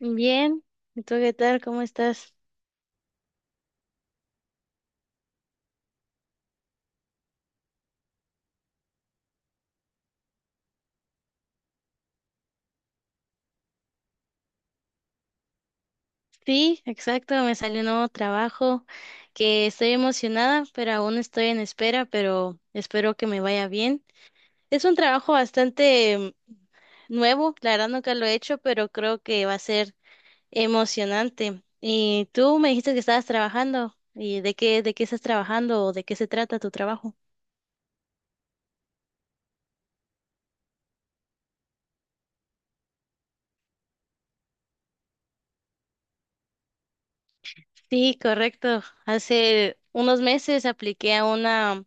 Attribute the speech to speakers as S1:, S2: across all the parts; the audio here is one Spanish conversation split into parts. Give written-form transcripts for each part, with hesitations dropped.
S1: Bien, ¿y tú qué tal? ¿Cómo estás? Sí, exacto, me salió un nuevo trabajo que estoy emocionada, pero aún estoy en espera, pero espero que me vaya bien. Es un trabajo bastante nuevo, la verdad nunca lo he hecho, pero creo que va a ser emocionante. Y tú me dijiste que estabas trabajando, ¿y de qué estás trabajando o de qué se trata tu trabajo? Sí, correcto. Hace unos meses apliqué a una,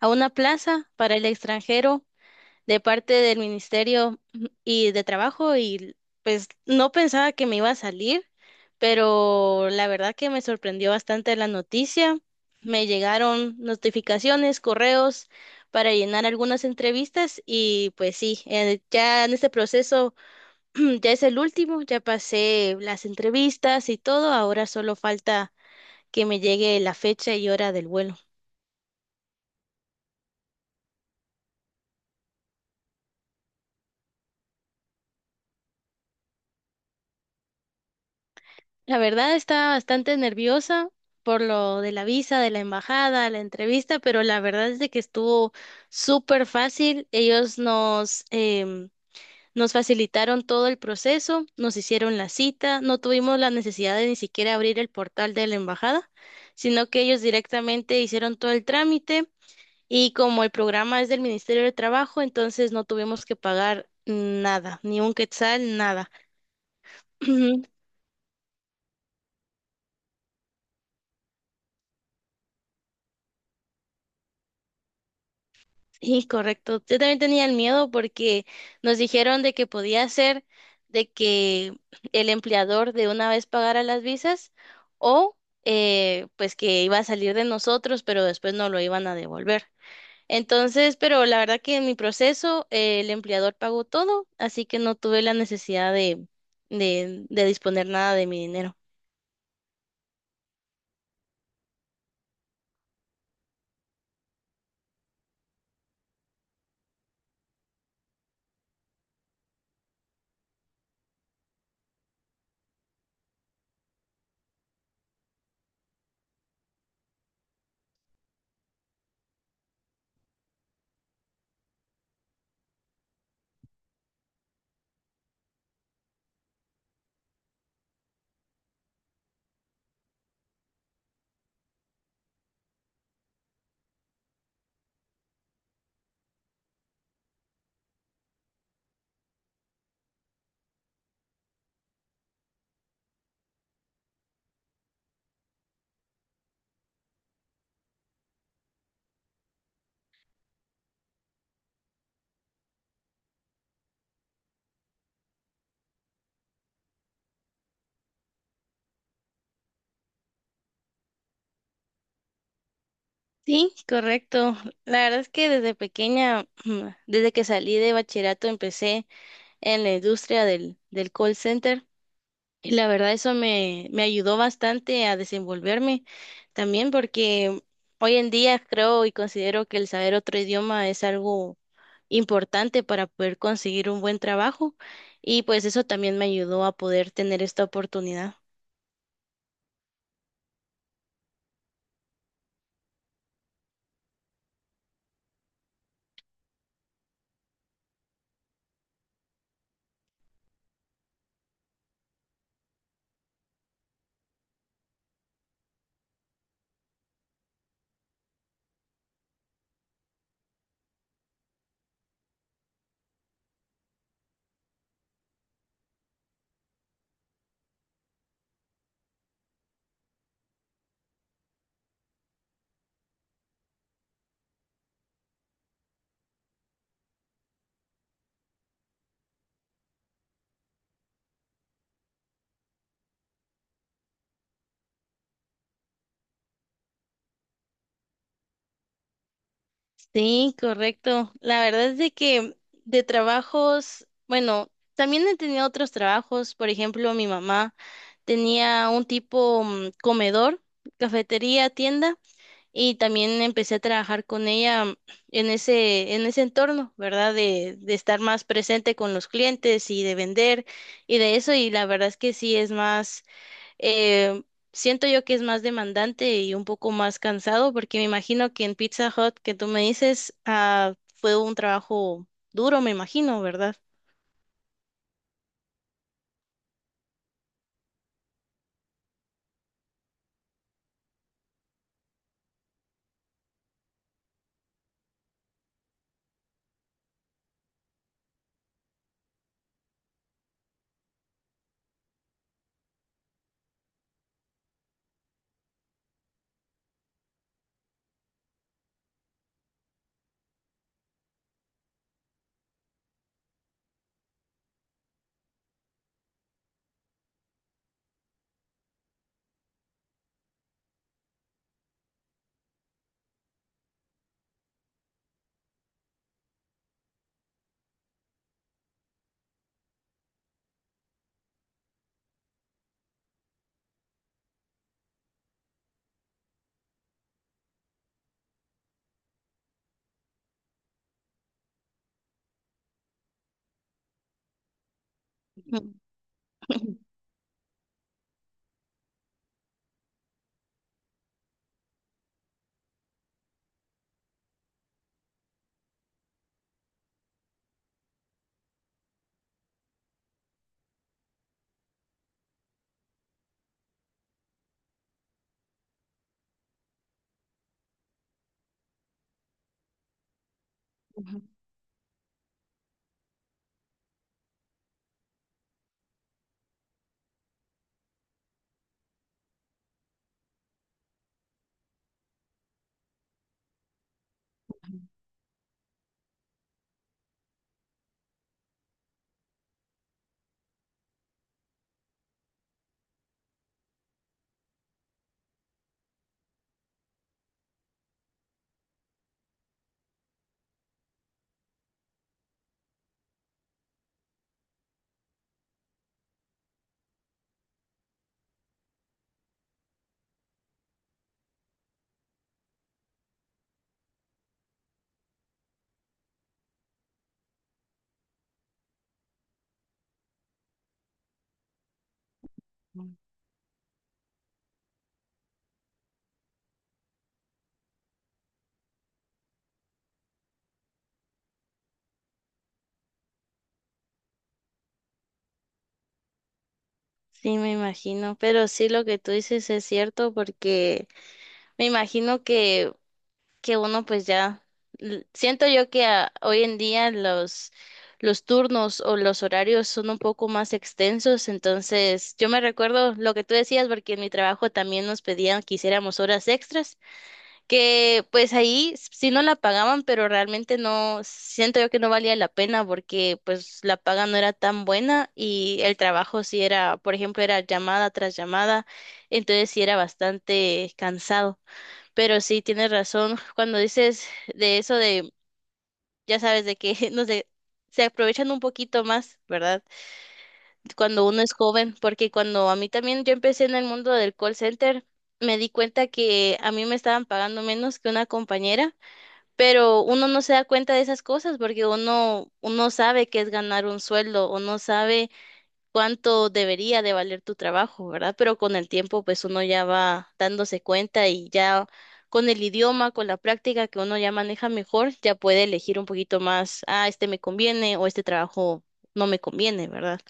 S1: a una plaza para el extranjero de parte del Ministerio y de Trabajo y pues no pensaba que me iba a salir, pero la verdad que me sorprendió bastante la noticia. Me llegaron notificaciones, correos para llenar algunas entrevistas y pues sí, ya en este proceso ya es el último, ya pasé las entrevistas y todo, ahora solo falta que me llegue la fecha y hora del vuelo. La verdad estaba bastante nerviosa por lo de la visa, de la embajada, la entrevista, pero la verdad es de que estuvo súper fácil. Ellos nos, nos facilitaron todo el proceso, nos hicieron la cita, no tuvimos la necesidad de ni siquiera abrir el portal de la embajada, sino que ellos directamente hicieron todo el trámite y como el programa es del Ministerio de Trabajo, entonces no tuvimos que pagar nada, ni un quetzal, nada. Sí, correcto. Yo también tenía el miedo porque nos dijeron de que podía ser de que el empleador de una vez pagara las visas o pues que iba a salir de nosotros, pero después no lo iban a devolver. Entonces, pero la verdad que en mi proceso el empleador pagó todo, así que no tuve la necesidad de disponer nada de mi dinero. Sí, correcto. La verdad es que desde pequeña, desde que salí de bachillerato, empecé. En la industria del call center. Y la verdad eso me ayudó bastante a desenvolverme también porque hoy en día creo y considero que el saber otro idioma es algo importante para poder conseguir un buen trabajo y pues eso también me ayudó a poder tener esta oportunidad. Sí, correcto. La verdad es de que de trabajos, bueno, también he tenido otros trabajos. Por ejemplo, mi mamá tenía un tipo comedor, cafetería, tienda, y también empecé a trabajar con ella en ese entorno, ¿verdad? De estar más presente con los clientes y de vender y de eso. Y la verdad es que sí es más. Eh, Siento yo que es más demandante y un poco más cansado, porque me imagino que en Pizza Hut que tú me dices, ah, fue un trabajo duro, me imagino, ¿verdad? Sí, me imagino, pero sí lo que tú dices es cierto porque me imagino que uno pues ya siento yo que ah, hoy en día los turnos o los horarios son un poco más extensos, entonces yo me recuerdo lo que tú decías porque en mi trabajo también nos pedían que hiciéramos horas extras, que pues ahí sí no la pagaban, pero realmente no siento yo que no valía la pena porque pues la paga no era tan buena y el trabajo sí era, por ejemplo, era llamada tras llamada, entonces sí era bastante cansado. Pero sí, tienes razón. Cuando dices de eso de, ya sabes, de que, no sé, se aprovechan un poquito más, ¿verdad? Cuando uno es joven, porque cuando a mí también yo empecé en el mundo del call center, me di cuenta que a mí me estaban pagando menos que una compañera, pero uno no se da cuenta de esas cosas porque uno sabe que es ganar un sueldo, uno sabe cuánto debería de valer tu trabajo, ¿verdad? Pero con el tiempo, pues uno ya va dándose cuenta y ya con el idioma, con la práctica que uno ya maneja mejor, ya puede elegir un poquito más, ah, este me conviene o este trabajo no me conviene, ¿verdad?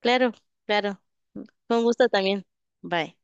S1: Claro, claro. Con gusto también. Bye.